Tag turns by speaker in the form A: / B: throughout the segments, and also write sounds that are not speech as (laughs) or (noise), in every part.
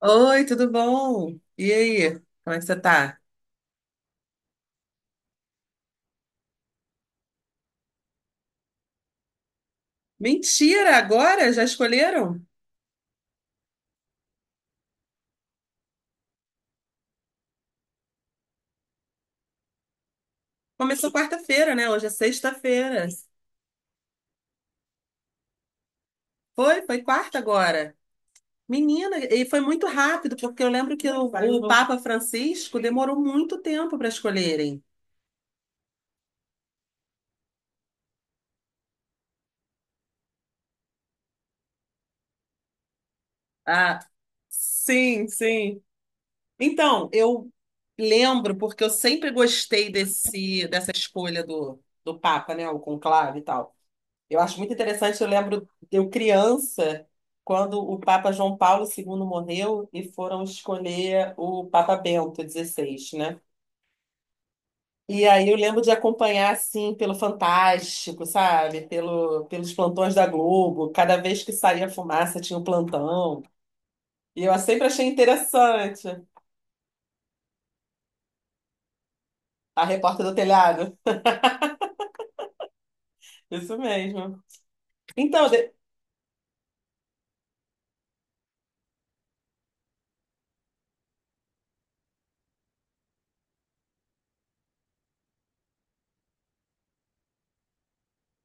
A: Oi, tudo bom? E aí, como é que você tá? Mentira, agora? Já escolheram? Começou quarta-feira, né? Hoje é sexta-feira. Foi quarta agora. Menina, e foi muito rápido, porque eu lembro que o Papa Francisco demorou muito tempo para escolherem. Ah, sim, sim. Então, eu lembro, porque eu sempre gostei dessa escolha do Papa, né? O conclave e tal. Eu acho muito interessante, eu lembro de eu criança, quando o Papa João Paulo II morreu e foram escolher o Papa Bento XVI, né? E aí eu lembro de acompanhar, assim, pelo Fantástico, sabe? Pelos plantões da Globo. Cada vez que saía fumaça tinha um plantão. E eu sempre achei interessante. A repórter do telhado. Isso mesmo. Então.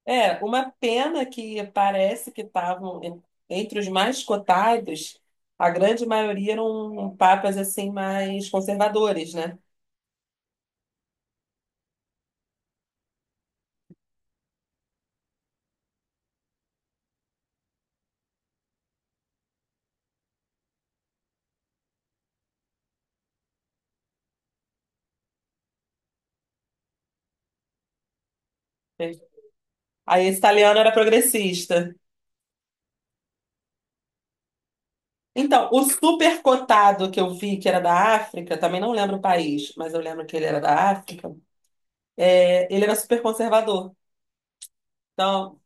A: É, uma pena que parece que estavam entre os mais cotados, a grande maioria eram papas assim mais conservadores, né? Aí esse italiano era progressista. Então, o super cotado que eu vi, que era da África, também não lembro o país, mas eu lembro que ele era da África, é, ele era super conservador. Então,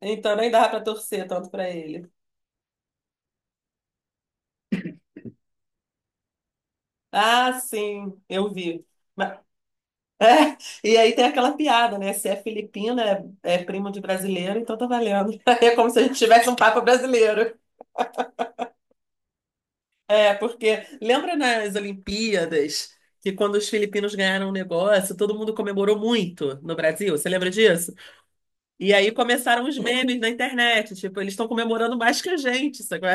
A: então nem dava pra torcer tanto pra ele. Ah, sim, eu vi. Ma- (laughs) É, e aí tem aquela piada, né? Se é filipino, é primo de brasileiro, então tá valendo. (laughs) É como se a gente tivesse um papa brasileiro. É, porque lembra nas Olimpíadas que quando os filipinos ganharam o negócio, todo mundo comemorou muito no Brasil? Você lembra disso? E aí começaram os memes na internet, tipo, eles estão comemorando mais que a gente, sabe?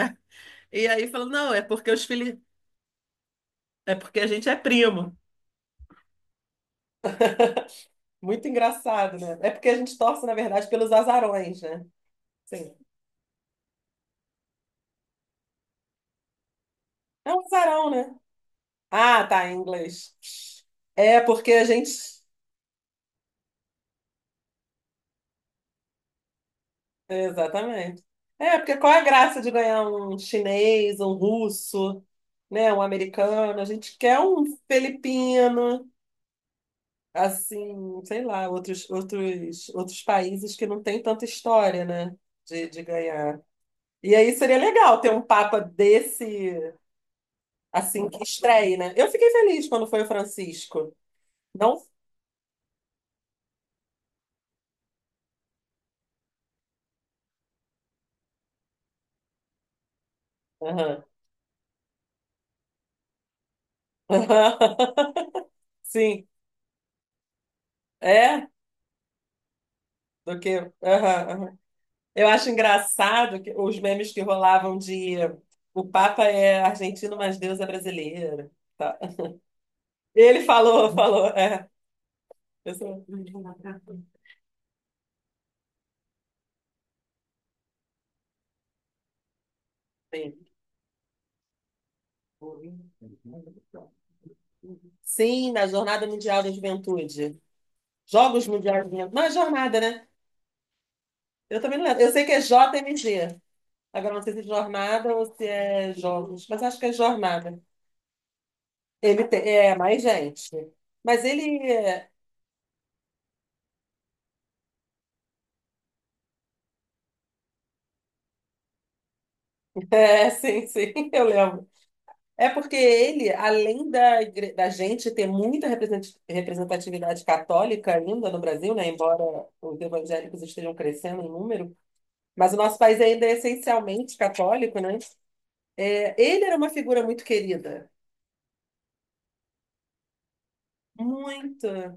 A: E aí falou, não, é porque os filhos, é porque a gente é primo. Muito engraçado, né? É porque a gente torce, na verdade, pelos azarões, né? Sim. É um azarão, né? Ah, tá, em inglês. É porque a gente. Exatamente. É, porque qual é a graça de ganhar um chinês, um russo, né? Um americano? A gente quer um filipino. Assim, sei lá, outros países que não têm tanta história, né, de ganhar. E aí seria legal ter um papa desse, assim, que estreie, né? Eu fiquei feliz quando foi o Francisco. Não? Aham. (laughs) Sim, é, do que. Aham, aham. Eu acho engraçado que os memes que rolavam de o Papa é argentino, mas Deus é brasileiro. Tá. Ele falou, é. Eu sou- Sim. Sim, na Jornada Mundial da Juventude. Jogos Mundiais da Juventude. Não, é jornada, né? Eu também não lembro. Eu sei que é JMG. Agora não sei se é jornada ou se é jogos, mas acho que é jornada. Ele tem, é mais gente. Mas ele é, (laughs) é, sim, sim, (laughs) eu lembro. É porque ele, além da gente ter muita representatividade católica ainda no Brasil, né? Embora os evangélicos estejam crescendo em número, mas o nosso país ainda é essencialmente católico, né? É, ele era uma figura muito querida. Muito.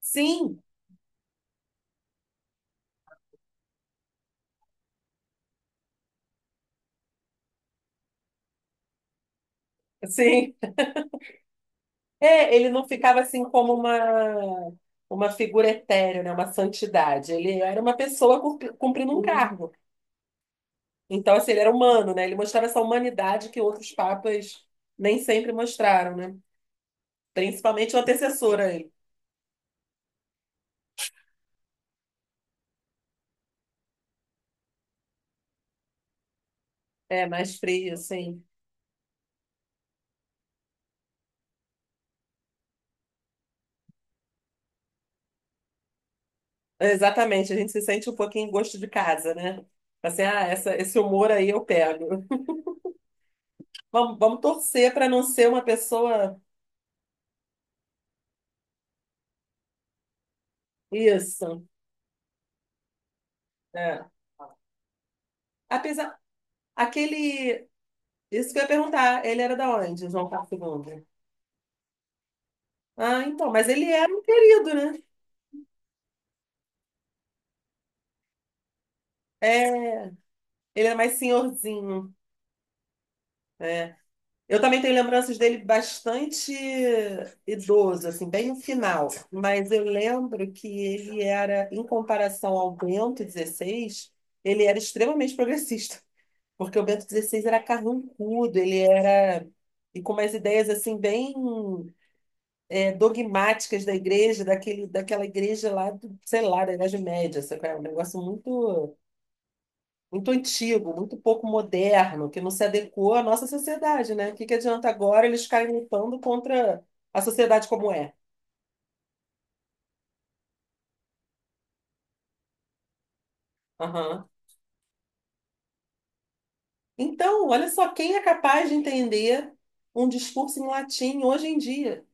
A: Sim, sim. É, ele não ficava assim como uma figura etérea, né? Uma santidade. Ele era uma pessoa cumprindo um cargo. Então, assim, ele era humano, né? Ele mostrava essa humanidade que outros papas nem sempre mostraram, né? Principalmente o antecessor a ele. É, mais frio, assim. Exatamente, a gente se sente um pouquinho em gosto de casa, né? Assim, ah, esse humor aí eu pego. Vamos torcer para não ser uma pessoa. Isso. É. Apesar. Aquele. Isso que eu ia perguntar. Ele era da onde, João Paulo II? Ah, então. Mas ele era um querido, né? É, ele era mais senhorzinho. Eu também tenho lembranças dele bastante idoso, assim, bem no final. Mas eu lembro que ele era, em comparação ao Bento XVI, ele era extremamente progressista. Porque o Bento XVI era carrancudo, ele era. E com umas ideias assim bem dogmáticas da igreja, daquela igreja lá, do, sei lá, da Idade Média, sabe? Qual é? Um negócio muito, muito antigo, muito pouco moderno, que não se adequou à nossa sociedade, né? O que que adianta agora eles ficarem lutando contra a sociedade como é? Aham. Então, olha só, quem é capaz de entender um discurso em latim hoje em dia?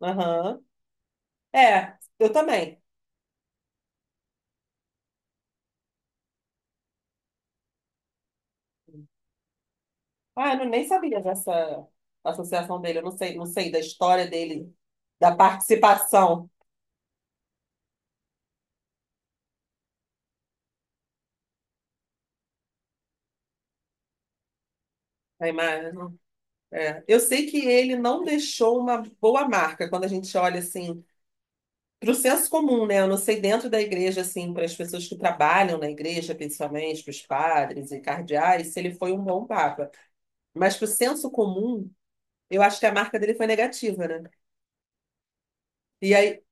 A: Aham. É, eu também. Ah, eu não- nem sabia dessa associação dele. Eu não sei da história dele, da participação, da imagem. É. Eu sei que ele não deixou uma boa marca quando a gente olha assim para o senso comum, né? Eu não sei dentro da igreja assim para as pessoas que trabalham na igreja, principalmente para os padres e cardeais, se ele foi um bom papa. Mas para o senso comum, eu acho que a marca dele foi negativa, né? E aí,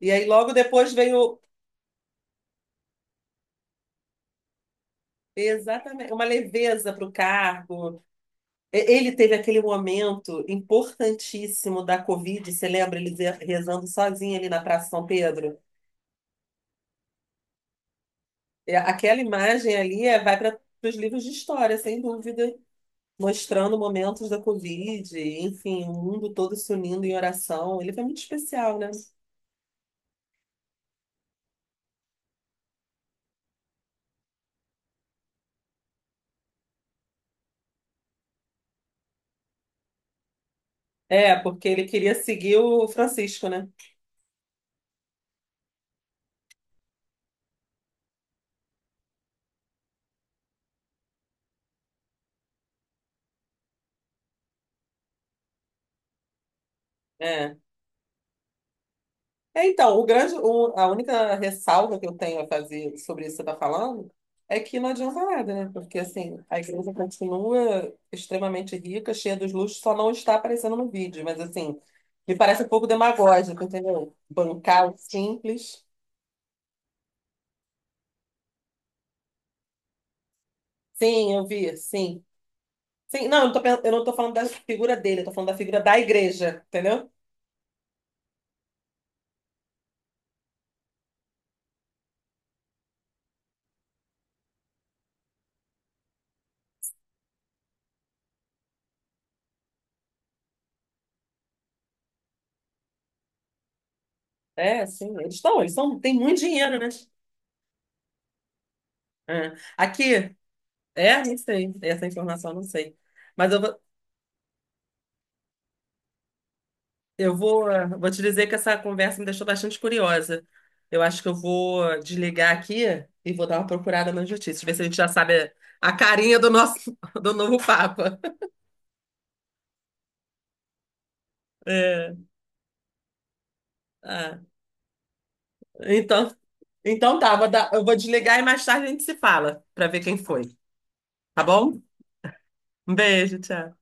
A: e aí logo depois veio exatamente uma leveza para o cargo. Ele teve aquele momento importantíssimo da Covid, você lembra? Rezando sozinho ali na Praça São Pedro. É aquela imagem ali vai para os livros de história, sem dúvida, mostrando momentos da Covid, enfim, o mundo todo se unindo em oração. Ele foi muito especial, né? É, porque ele queria seguir o Francisco, né? É. É, então, a única ressalva que eu tenho a fazer sobre isso que você está falando é que não adianta nada, né? Porque, assim, a igreja continua extremamente rica, cheia dos luxos, só não está aparecendo no vídeo. Mas, assim, me parece um pouco demagógico, entendeu? Bancar o simples. Sim, eu vi, sim. Sim, não, eu não tô falando da figura dele, eu tô falando da figura da igreja, entendeu? É, sim, eles são, têm muito dinheiro, né? É. Aqui, não sei, essa informação eu não sei. Mas eu, Eu vou te dizer que essa conversa me deixou bastante curiosa. Eu acho que eu vou desligar aqui e vou dar uma procurada nas notícias, ver se a gente já sabe a carinha do nosso (laughs) do novo Papa. É, ah, então, então tá, eu vou desligar e mais tarde a gente se fala para ver quem foi, tá bom? Um beijo, tchau.